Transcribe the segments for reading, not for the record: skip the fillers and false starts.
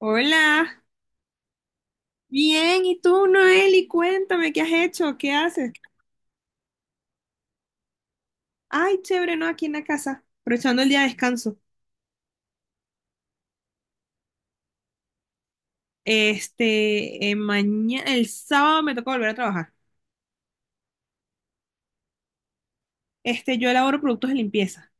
Hola, bien, ¿y tú, Noeli? Cuéntame, ¿qué has hecho? ¿Qué haces? Ay, chévere, ¿no? Aquí en la casa, aprovechando el día de descanso. Este, mañana, el sábado me toca volver a trabajar. Este, yo elaboro productos de limpieza.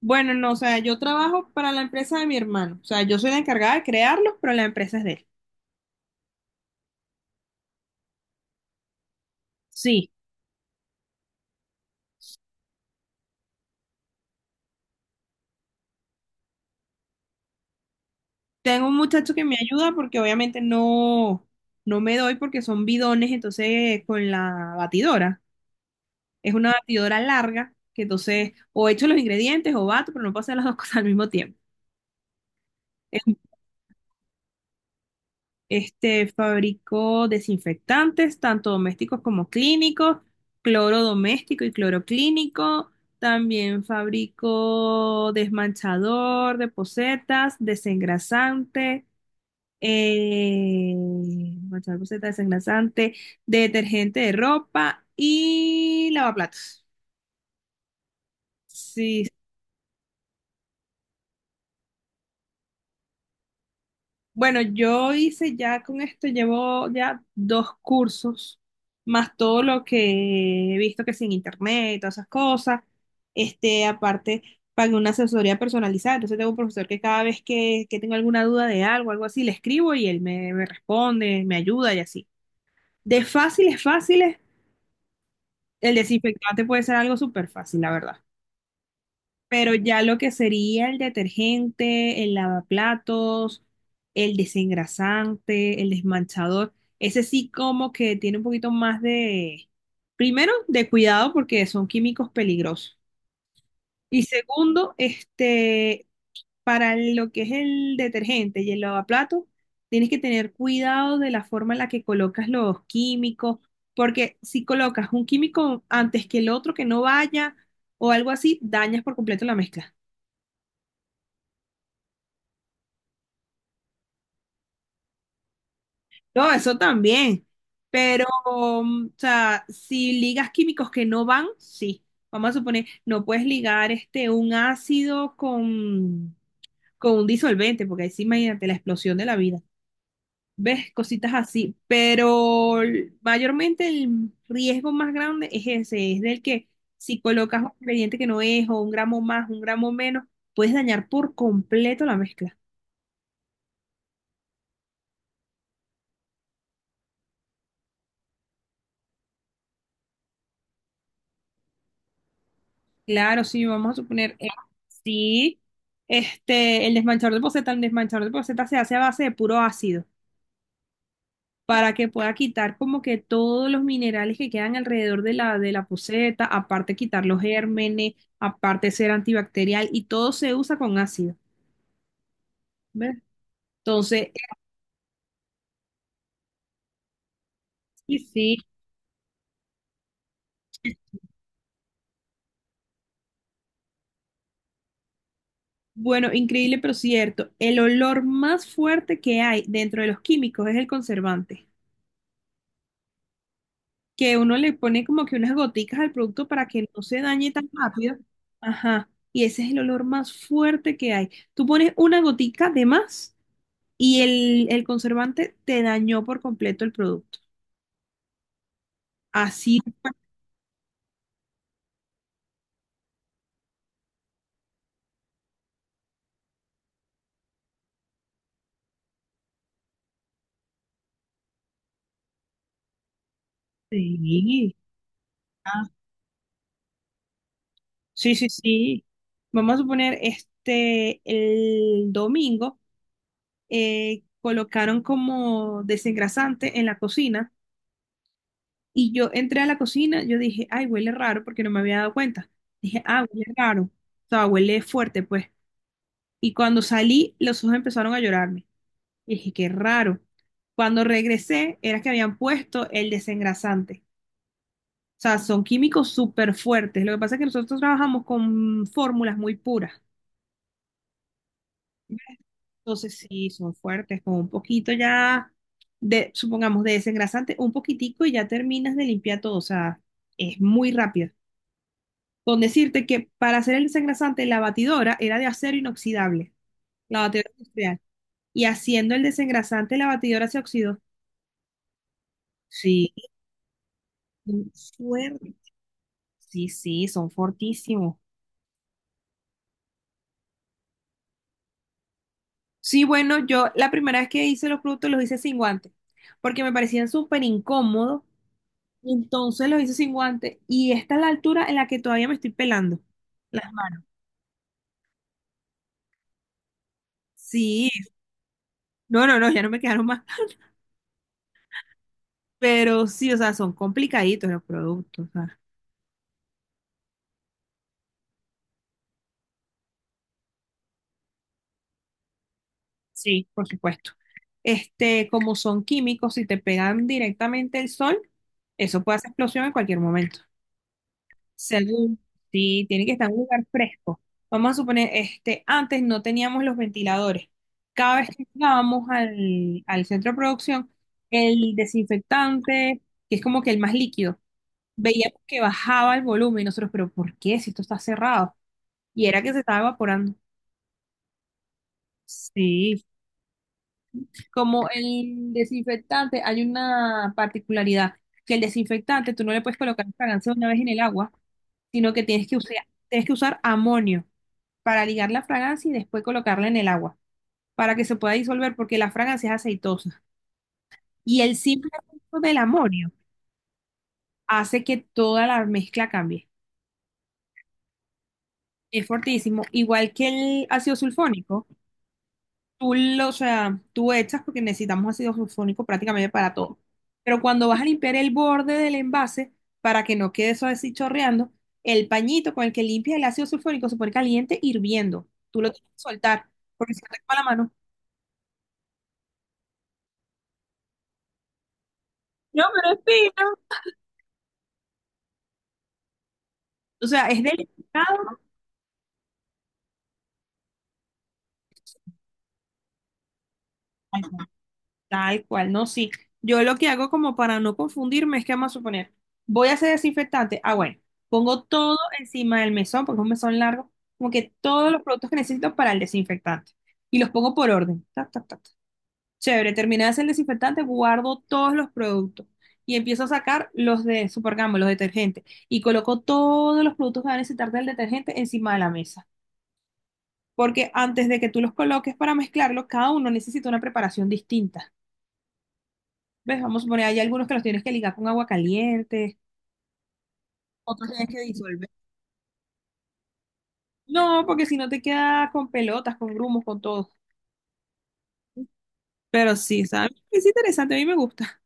Bueno, no, o sea, yo trabajo para la empresa de mi hermano. O sea, yo soy la encargada de crearlos, pero la empresa es de él. Sí, tengo un muchacho que me ayuda porque obviamente no, no me doy porque son bidones, entonces con la batidora. Es una batidora larga, que entonces o echo los ingredientes o bato, pero no puedo hacer las dos cosas al mismo tiempo. Es- Este fabricó desinfectantes, tanto domésticos como clínicos, cloro doméstico y cloro clínico. También fabricó desmanchador de posetas, desengrasante, desmanchador de posetas, desengrasante, detergente de ropa y lavaplatos. Sí, bueno, yo hice ya con esto, llevo ya dos cursos, más todo lo que he visto que sin internet, todas esas cosas. Este, aparte, pagué una asesoría personalizada, entonces tengo un profesor que cada vez que tengo alguna duda de algo, algo así, le escribo y él me responde, me ayuda y así. De fáciles, fáciles, el desinfectante puede ser algo súper fácil, la verdad. Pero ya lo que sería el detergente, el lavaplatos, el desengrasante, el desmanchador, ese sí como que tiene un poquito más de, primero, de cuidado porque son químicos peligrosos. Y segundo, este, para lo que es el detergente y el lavaplatos, tienes que tener cuidado de la forma en la que colocas los químicos, porque si colocas un químico antes que el otro que no vaya o algo así, dañas por completo la mezcla. No, eso también. Pero, o sea, si ligas químicos que no van, sí. Vamos a suponer, no puedes ligar este un ácido con un disolvente, porque ahí sí, imagínate la explosión de la vida. ¿Ves? Cositas así. Pero mayormente el riesgo más grande es ese, es del que si colocas un ingrediente que no es, o un gramo más, un gramo menos, puedes dañar por completo la mezcla. Claro, sí, vamos a suponer, sí, este, el desmanchador de poceta, el desmanchador de poceta se hace a base de puro ácido para que pueda quitar como que todos los minerales que quedan alrededor de la poceta, aparte quitar los gérmenes, aparte ser antibacterial y todo se usa con ácido, ¿ves? Entonces, sí, sí, bueno, increíble pero cierto, el olor más fuerte que hay dentro de los químicos es el conservante, que uno le pone como que unas goticas al producto para que no se dañe tan rápido. Ajá. Y ese es el olor más fuerte que hay. Tú pones una gotica de más y el conservante te dañó por completo el producto. Así. Sí. Ah, sí, sí, sí. Vamos a suponer, este, el domingo colocaron como desengrasante en la cocina. Y yo entré a la cocina, yo dije, ay, huele raro porque no me había dado cuenta. Dije, ah, huele raro. O sea, huele fuerte, pues. Y cuando salí, los ojos empezaron a llorarme. Y dije, qué raro. Cuando regresé, era que habían puesto el desengrasante. O sea, son químicos súper fuertes. Lo que pasa es que nosotros trabajamos con fórmulas muy puras. Entonces, sí, son fuertes, con un poquito ya de, supongamos, de desengrasante, un poquitico y ya terminas de limpiar todo. O sea, es muy rápido. Con decirte que para hacer el desengrasante la batidora era de acero inoxidable, la batidora industrial. Y haciendo el desengrasante la batidora se oxidó. Sí, suerte. Sí, sí, son fortísimos. Sí, bueno, yo la primera vez que hice los productos los hice sin guantes, porque me parecían súper incómodos. Entonces los hice sin guantes y esta es la altura en la que todavía me estoy pelando las manos. Sí, no, no, no, ya no me quedaron más. Pero sí, o sea, son complicaditos los productos, o sea. Sí, por supuesto. Este, como son químicos, si te pegan directamente el sol, eso puede hacer explosión en cualquier momento. Según, sí, tiene que estar en un lugar fresco. Vamos a suponer, este, antes no teníamos los ventiladores. Cada vez que llegábamos al centro de producción, el desinfectante, que es como que el más líquido, veíamos que bajaba el volumen y nosotros, pero ¿por qué? Si esto está cerrado. Y era que se estaba evaporando. Sí. Como el desinfectante, hay una particularidad, que el desinfectante tú no le puedes colocar fragancia una vez en el agua, sino que tienes que usar amonio para ligar la fragancia y después colocarla en el agua, para que se pueda disolver, porque la fragancia es aceitosa. Y el simple efecto del amonio hace que toda la mezcla cambie. Es fortísimo, igual que el ácido sulfónico. O sea, tú echas porque necesitamos ácido sulfónico prácticamente para todo. Pero cuando vas a limpiar el borde del envase, para que no quede eso así chorreando, el pañito con el que limpias el ácido sulfónico se pone caliente hirviendo. Tú lo tienes que soltar porque si no te quema la mano. No, pero es fino. O sea, es delicado. Tal cual, no, sí. Yo lo que hago como para no confundirme es que vamos a suponer, voy a hacer desinfectante. Ah, bueno, pongo todo encima del mesón, porque es un mesón largo, como que todos los productos que necesito para el desinfectante. Y los pongo por orden. Ta, ta, ta, ta. Chévere, terminé de hacer el desinfectante, guardo todos los productos y empiezo a sacar los de Supergamo, los detergentes. Y coloco todos los productos que van a necesitar del detergente encima de la mesa. Porque antes de que tú los coloques para mezclarlo, cada uno necesita una preparación distinta. ¿Ves? Vamos a poner, hay algunos que los tienes que ligar con agua caliente, otros tienes que disolver. No, porque si no te queda con pelotas, con grumos, con todo. Pero sí, ¿sabes? Es interesante, a mí me gusta.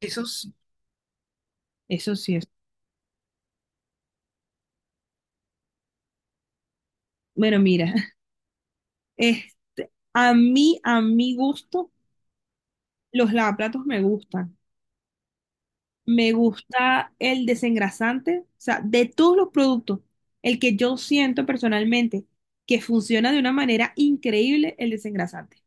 Eso sí. Eso sí es. Bueno, mira, es, a mí, a mi gusto, los lavaplatos me gustan. Me gusta el desengrasante, o sea, de todos los productos, el que yo siento personalmente que funciona de una manera increíble, el desengrasante.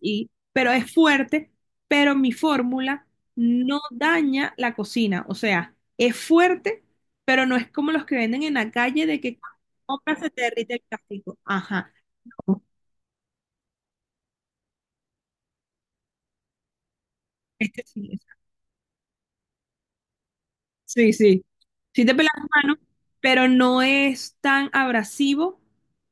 Y, pero es fuerte, pero mi fórmula no daña la cocina. O sea, es fuerte, pero no es como los que venden en la calle de que cuando compras se te derrite el plástico. Ajá. Este sí, sí, sí. Sí te pelas las manos, pero no es tan abrasivo.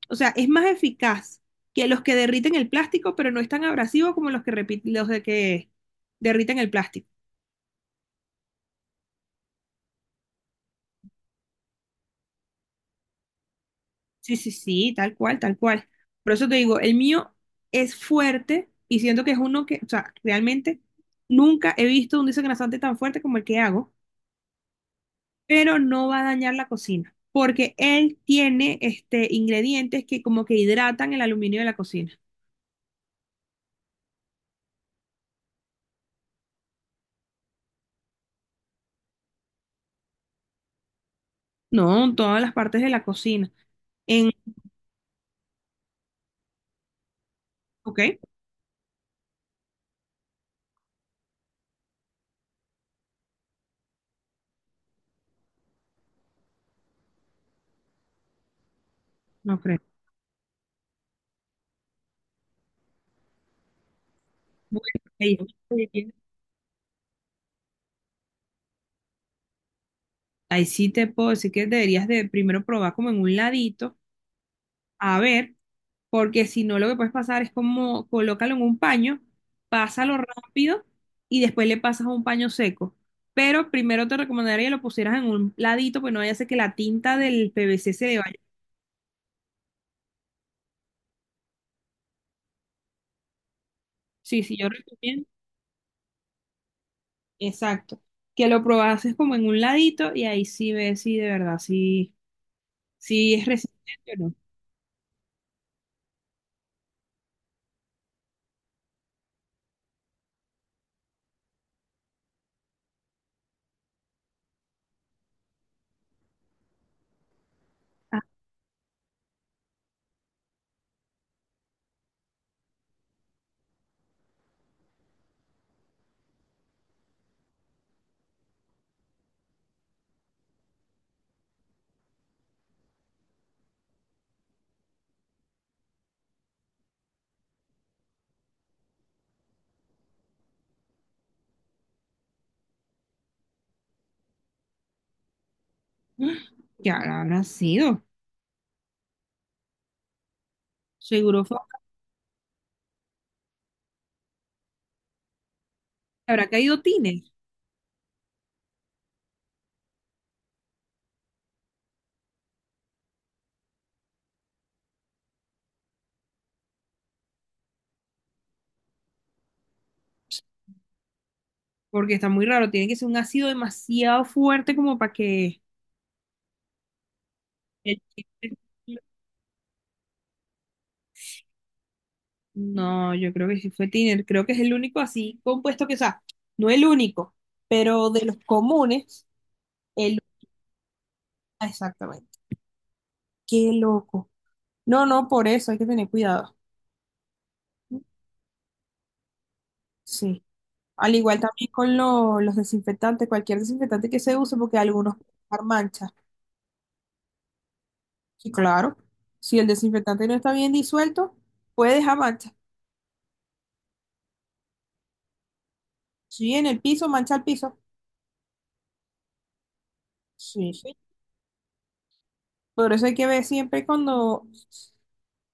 O sea, es más eficaz que los que derriten el plástico, pero no es tan abrasivo como los que, los de que derriten el plástico. Sí, sí, sí, tal cual, tal cual. Por eso te digo, el mío es fuerte y siento que es uno que, o sea, realmente nunca he visto un desengrasante tan fuerte como el que hago, pero no va a dañar la cocina, porque él tiene este ingredientes que como que hidratan el aluminio de la cocina. No, en todas las partes de la cocina. En, ok, no creo. Bueno, ahí ahí sí te puedo decir que deberías de primero probar como en un ladito, a ver. Porque si no lo que puedes pasar es como colócalo en un paño, pásalo rápido y después le pasas a un paño seco. Pero primero te recomendaría que lo pusieras en un ladito, pues no vaya a ser que la tinta del PVC se le vaya. Sí, sí, yo recomiendo. Exacto. Que lo probases como en un ladito y ahí sí ves si de verdad si, si es resistente o no. Ah, ¿qué habrá sido? Seguro fue- Habrá caído tines, porque está muy raro. Tiene que ser un ácido demasiado fuerte como para que el Tiner. No, yo creo que sí fue Tiner. Creo que es el único así compuesto que, o sea, no el único, pero de los comunes, el... Ah, exactamente. Qué loco. No, no, por eso hay que tener cuidado. Sí. Al igual también con los desinfectantes, cualquier desinfectante que se use, porque algunos pueden dejar manchas. Sí, claro. Si el desinfectante no está bien disuelto, puede dejar manchas. Si en el piso, mancha el piso. Sí, sí. Por eso hay que ver siempre cuando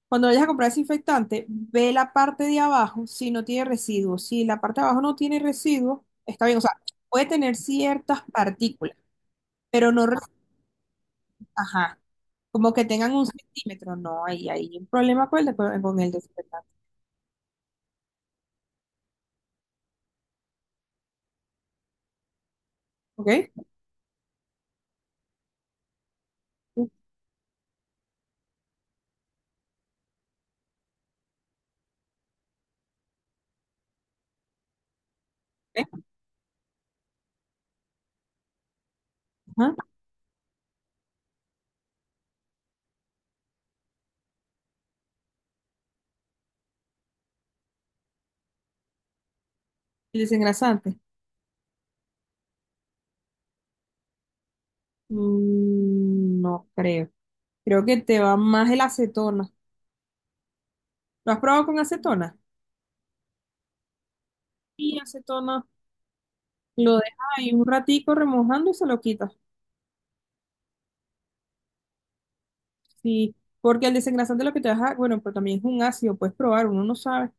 cuando vayas a comprar desinfectante, ve la parte de abajo si no tiene residuos. Si la parte de abajo no tiene residuos, está bien. O sea, puede tener ciertas partículas, pero no, ajá, como que tengan un centímetro. No, ahí hay un problema con con el desinfectante. ¿Ok? Ok, ajá. El desengrasante. Mm, no creo. Creo que te va más el acetona. ¿Lo has probado con acetona? Sí, acetona. Lo dejas ahí un ratico remojando y se lo quitas. Sí, porque el desengrasante lo que te deja, bueno, pero también es un ácido, puedes probar, uno no sabe.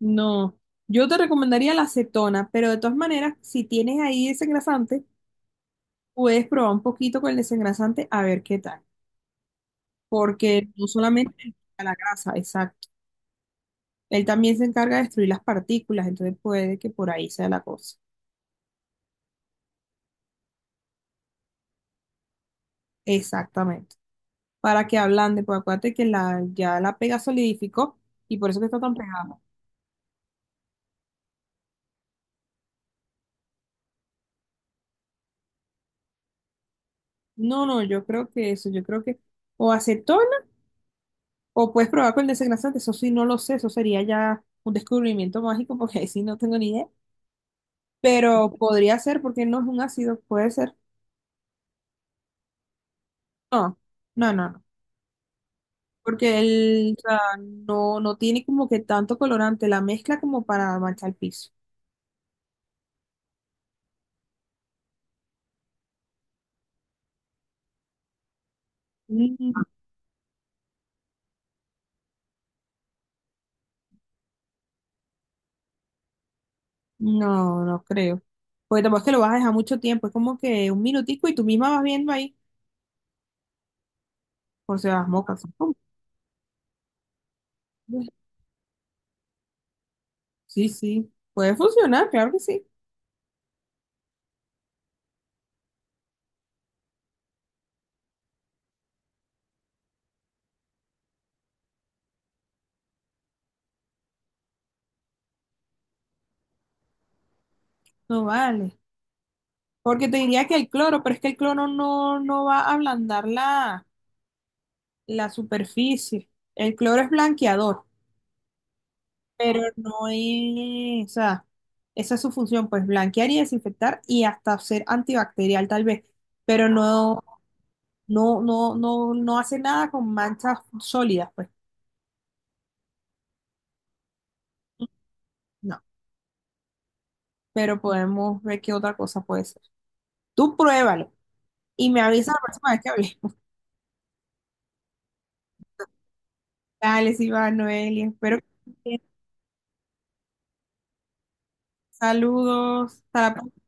No, yo te recomendaría la acetona, pero de todas maneras, si tienes ahí desengrasante, puedes probar un poquito con el desengrasante a ver qué tal, porque no solamente él quita la grasa, exacto, él también se encarga de destruir las partículas, entonces puede que por ahí sea la cosa. Exactamente, para que ablande, pues acuérdate que la, ya la pega solidificó y por eso que está tan pegada. No, no, yo creo que o acetona. O puedes probar con el desengrasante, eso sí, no lo sé, eso sería ya un descubrimiento mágico porque ahí sí no tengo ni idea. Pero podría ser porque no es un ácido, puede ser. No, no, no, no. Porque el, o sea, no, no tiene como que tanto colorante la mezcla como para manchar el piso. Mm, no, no creo. Porque tampoco es que lo vas a dejar mucho tiempo, es como que un minutico y tú misma vas viendo ahí por si las mocas. Sí, sí, puede funcionar, claro que sí. No vale. Porque te diría que el cloro, pero es que el cloro no, no va a ablandar la superficie. El cloro es blanqueador, pero no es, o sea, esa es su función, pues blanquear y desinfectar y hasta ser antibacterial tal vez, pero no, no, no, no, no hace nada con manchas sólidas, pues no. Pero podemos ver qué otra cosa puede ser. Tú pruébalo y me avisas la próxima vez que hablemos. Dale, sí va, Noelia. Espero que estés bien. Saludos. Hasta la próxima.